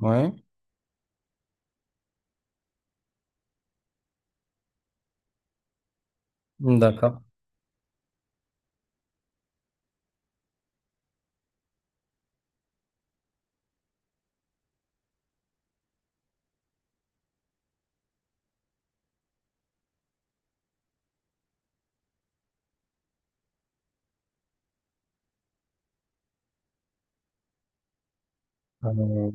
Ouais, d'accord. Euh,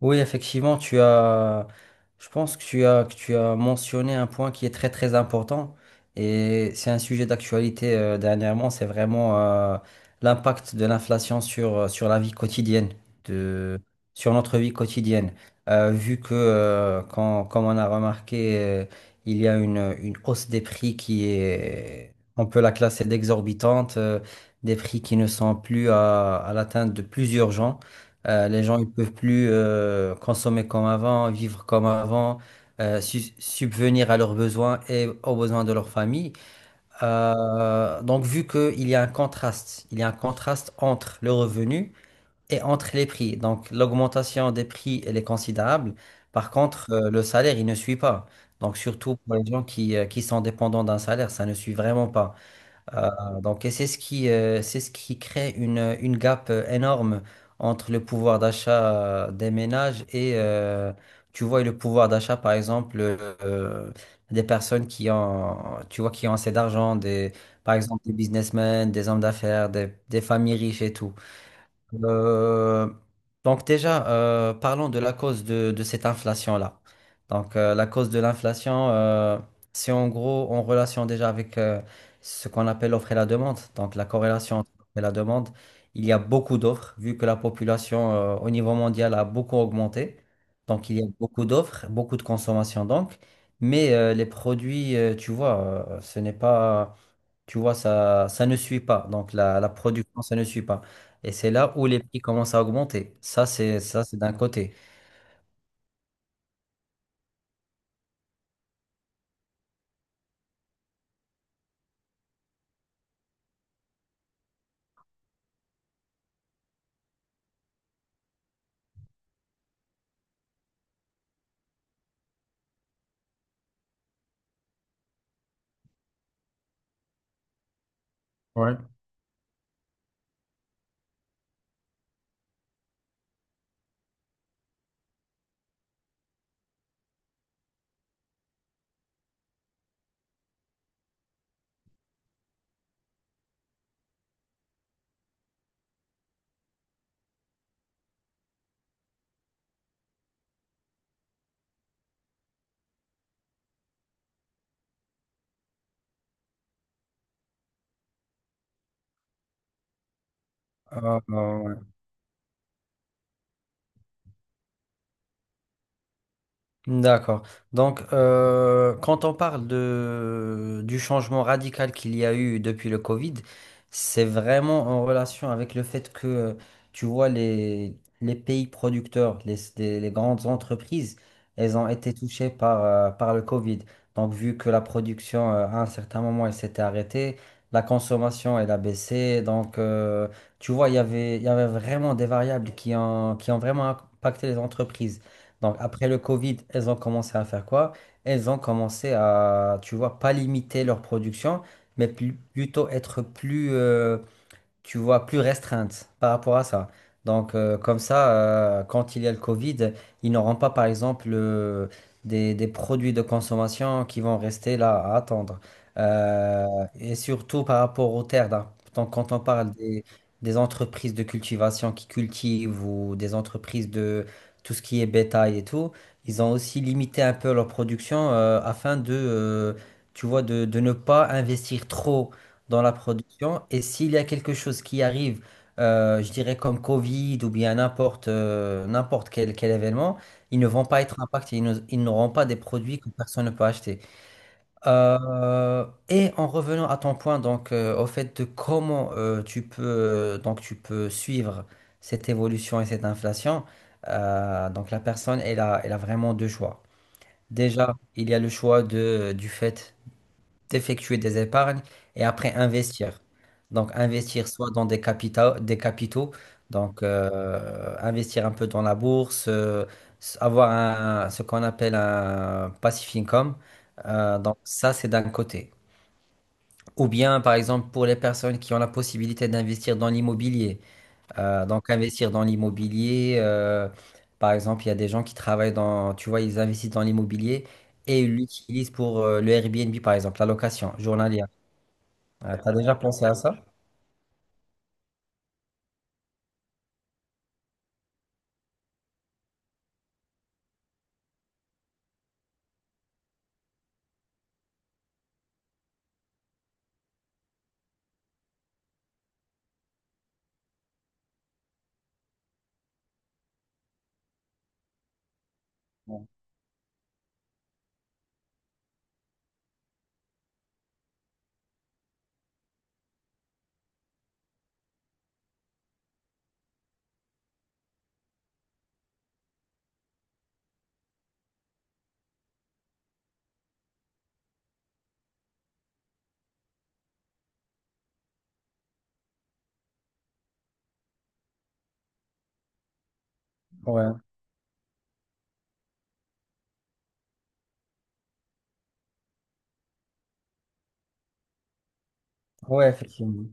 Oui, effectivement, je pense que que tu as mentionné un point qui est très très important et c'est un sujet d'actualité dernièrement, c'est vraiment l'impact de l'inflation sur la vie quotidienne, de, sur notre vie quotidienne. Vu que, comme on a remarqué, il y a une hausse des prix qui est, on peut la classer d'exorbitante, des prix qui ne sont plus à l'atteinte de plusieurs gens. Les gens, ils peuvent plus consommer comme avant, vivre comme avant, subvenir à leurs besoins et aux besoins de leur famille. Donc, vu qu'il y a un contraste, il y a un contraste entre le revenu et entre les prix. Donc, l'augmentation des prix, elle est considérable. Par contre, le salaire, il ne suit pas. Donc, surtout pour les gens qui sont dépendants d'un salaire, ça ne suit vraiment pas. Donc, et c'est ce c'est ce qui crée une gap énorme entre le pouvoir d'achat des ménages tu vois, et le pouvoir d'achat, par exemple, des personnes qui ont, tu vois, qui ont assez d'argent, des, par exemple, des businessmen, des hommes d'affaires, des familles riches et tout. Euh, donc déjà, parlons de la cause de cette inflation-là. Donc la cause de l'inflation, c'est en gros en relation déjà avec ce qu'on appelle l'offre et la demande. Donc la corrélation entre l'offre et la demande, il y a beaucoup d'offres, vu que la population au niveau mondial a beaucoup augmenté. Donc il y a beaucoup d'offres, beaucoup de consommation donc. Mais les produits, tu vois, ce n'est pas, tu vois, ça ne suit pas. Donc la production, ça ne suit pas. Et c'est là où les prix commencent à augmenter. Ça, c'est d'un côté. Ouais. Euh, euh, D'accord. Donc, quand on parle du changement radical qu'il y a eu depuis le Covid, c'est vraiment en relation avec le fait que, tu vois, les pays producteurs, les grandes entreprises, elles ont été touchées par le Covid. Donc, vu que la production, à un certain moment, elle s'était arrêtée, la consommation, elle a baissé. Donc, tu vois, il y avait vraiment des variables qui ont vraiment impacté les entreprises. Donc après le Covid, elles ont commencé à faire quoi? Elles ont commencé à, tu vois, pas limiter leur production, mais plutôt être plus, tu vois, plus restreinte par rapport à ça. Donc, comme ça, quand il y a le Covid, ils n'auront pas, par exemple, des produits de consommation qui vont rester là à attendre. Euh, et surtout par rapport aux terres, là. Donc, quand on parle des entreprises de cultivation qui cultivent ou des entreprises de tout ce qui est bétail et tout, ils ont aussi limité un peu leur production afin de tu vois, de ne pas investir trop dans la production. Et s'il y a quelque chose qui arrive, je dirais comme Covid ou bien n'importe quel événement, ils ne vont pas être impactés, ils n'auront pas des produits que personne ne peut acheter. Et en revenant à ton point, donc au fait de comment tu peux donc tu peux suivre cette évolution et cette inflation, donc la personne elle a vraiment deux choix. Déjà, il y a le choix du fait effectuer des épargnes et après investir. Donc investir soit dans des capitaux, investir un peu dans la bourse, ce qu'on appelle un passive income. Donc ça, c'est d'un côté. Ou bien, par exemple, pour les personnes qui ont la possibilité d'investir dans l'immobilier. Donc investir dans l'immobilier, par exemple, il y a des gens qui travaillent dans, tu vois, ils investissent dans l'immobilier et ils l'utilisent pour le Airbnb, par exemple, la location journalière. Ah, t'as déjà pensé à ça? Ouais, ouais, effectivement.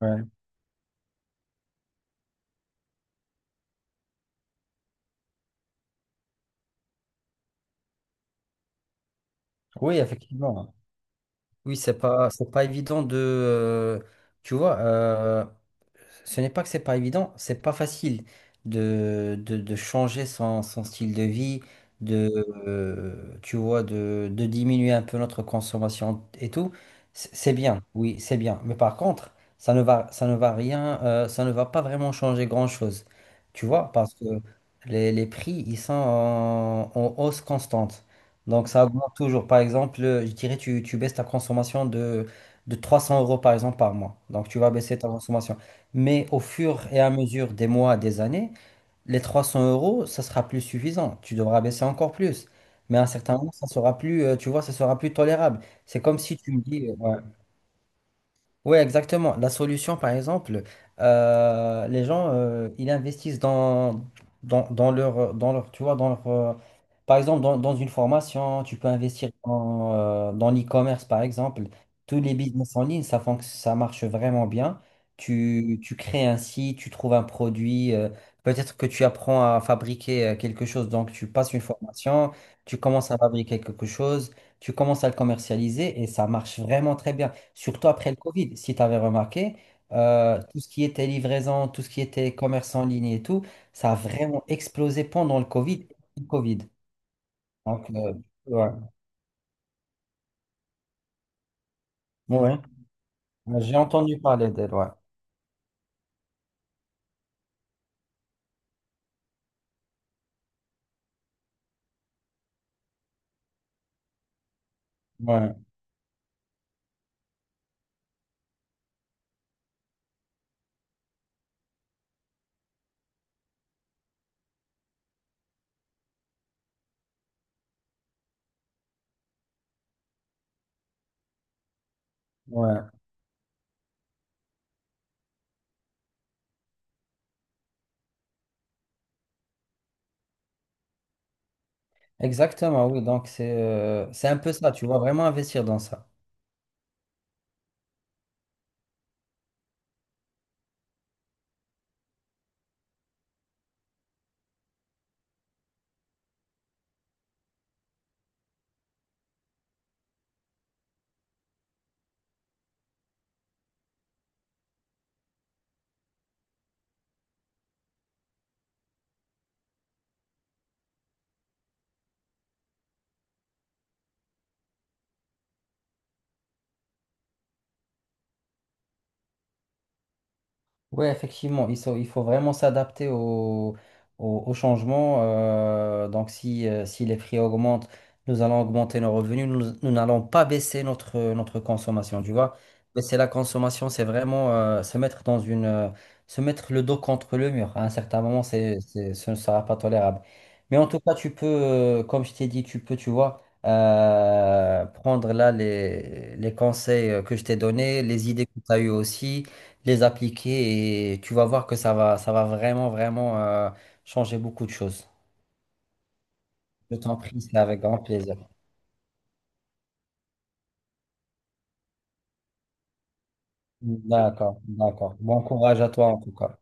Ouais. Oui, effectivement. Oui, c'est pas évident de, tu vois, Ce n'est pas que c'est pas évident, c'est pas facile de de changer son style de vie, de, tu vois, de diminuer un peu notre consommation et tout. C'est bien, oui, c'est bien. Mais par contre, ça ne va rien, ça ne va pas vraiment changer grand-chose. Tu vois, parce que les prix, ils sont en hausse constante. Donc ça augmente toujours. Par exemple, je dirais, tu baisses ta consommation de 300 euros, par exemple, par mois. Donc tu vas baisser ta consommation. Mais au fur et à mesure des mois, des années, les 300 euros, ça sera plus suffisant. Tu devras baisser encore plus. Mais à un certain moment, ça sera plus, tu vois, ça sera plus tolérable. C'est comme si tu me dis, ouais. Oui, exactement. La solution, par exemple, les gens, ils investissent dans leur, tu vois, dans leur, par exemple, dans une formation, tu peux investir dans, dans l'e-commerce, par exemple. Tous les business en ligne, ça, ça marche vraiment bien. Tu crées un site, tu trouves un produit, peut-être que tu apprends à fabriquer quelque chose, donc tu passes une formation, tu commences à fabriquer quelque chose, tu commences à le commercialiser et ça marche vraiment très bien. Surtout après le Covid, si tu avais remarqué, tout ce qui était livraison, tout ce qui était commerce en ligne et tout, ça a vraiment explosé pendant le Covid. Le Covid. Donc, ouais. Ouais. J'ai entendu parler d'elle, ouais. Ouais, ouais. Exactement, oui. Donc, c'est un peu ça, tu vois, vraiment investir dans ça. Oui, effectivement, il faut vraiment s'adapter au changement. Donc, si les prix augmentent, nous allons augmenter nos revenus. Nous, nous n'allons pas baisser notre consommation, tu vois. Mais c'est la consommation, c'est vraiment se mettre dans une, se mettre le dos contre le mur. À un certain moment, ce ne sera pas tolérable. Mais en tout cas, tu peux, comme je t'ai dit, tu peux, tu vois, prendre là les conseils que je t'ai donnés, les idées que tu as eues aussi les appliquer et tu vas voir que ça va vraiment, vraiment changer beaucoup de choses. Je t'en prie, c'est avec grand plaisir. D'accord, d'accord. Bon courage à toi en tout cas.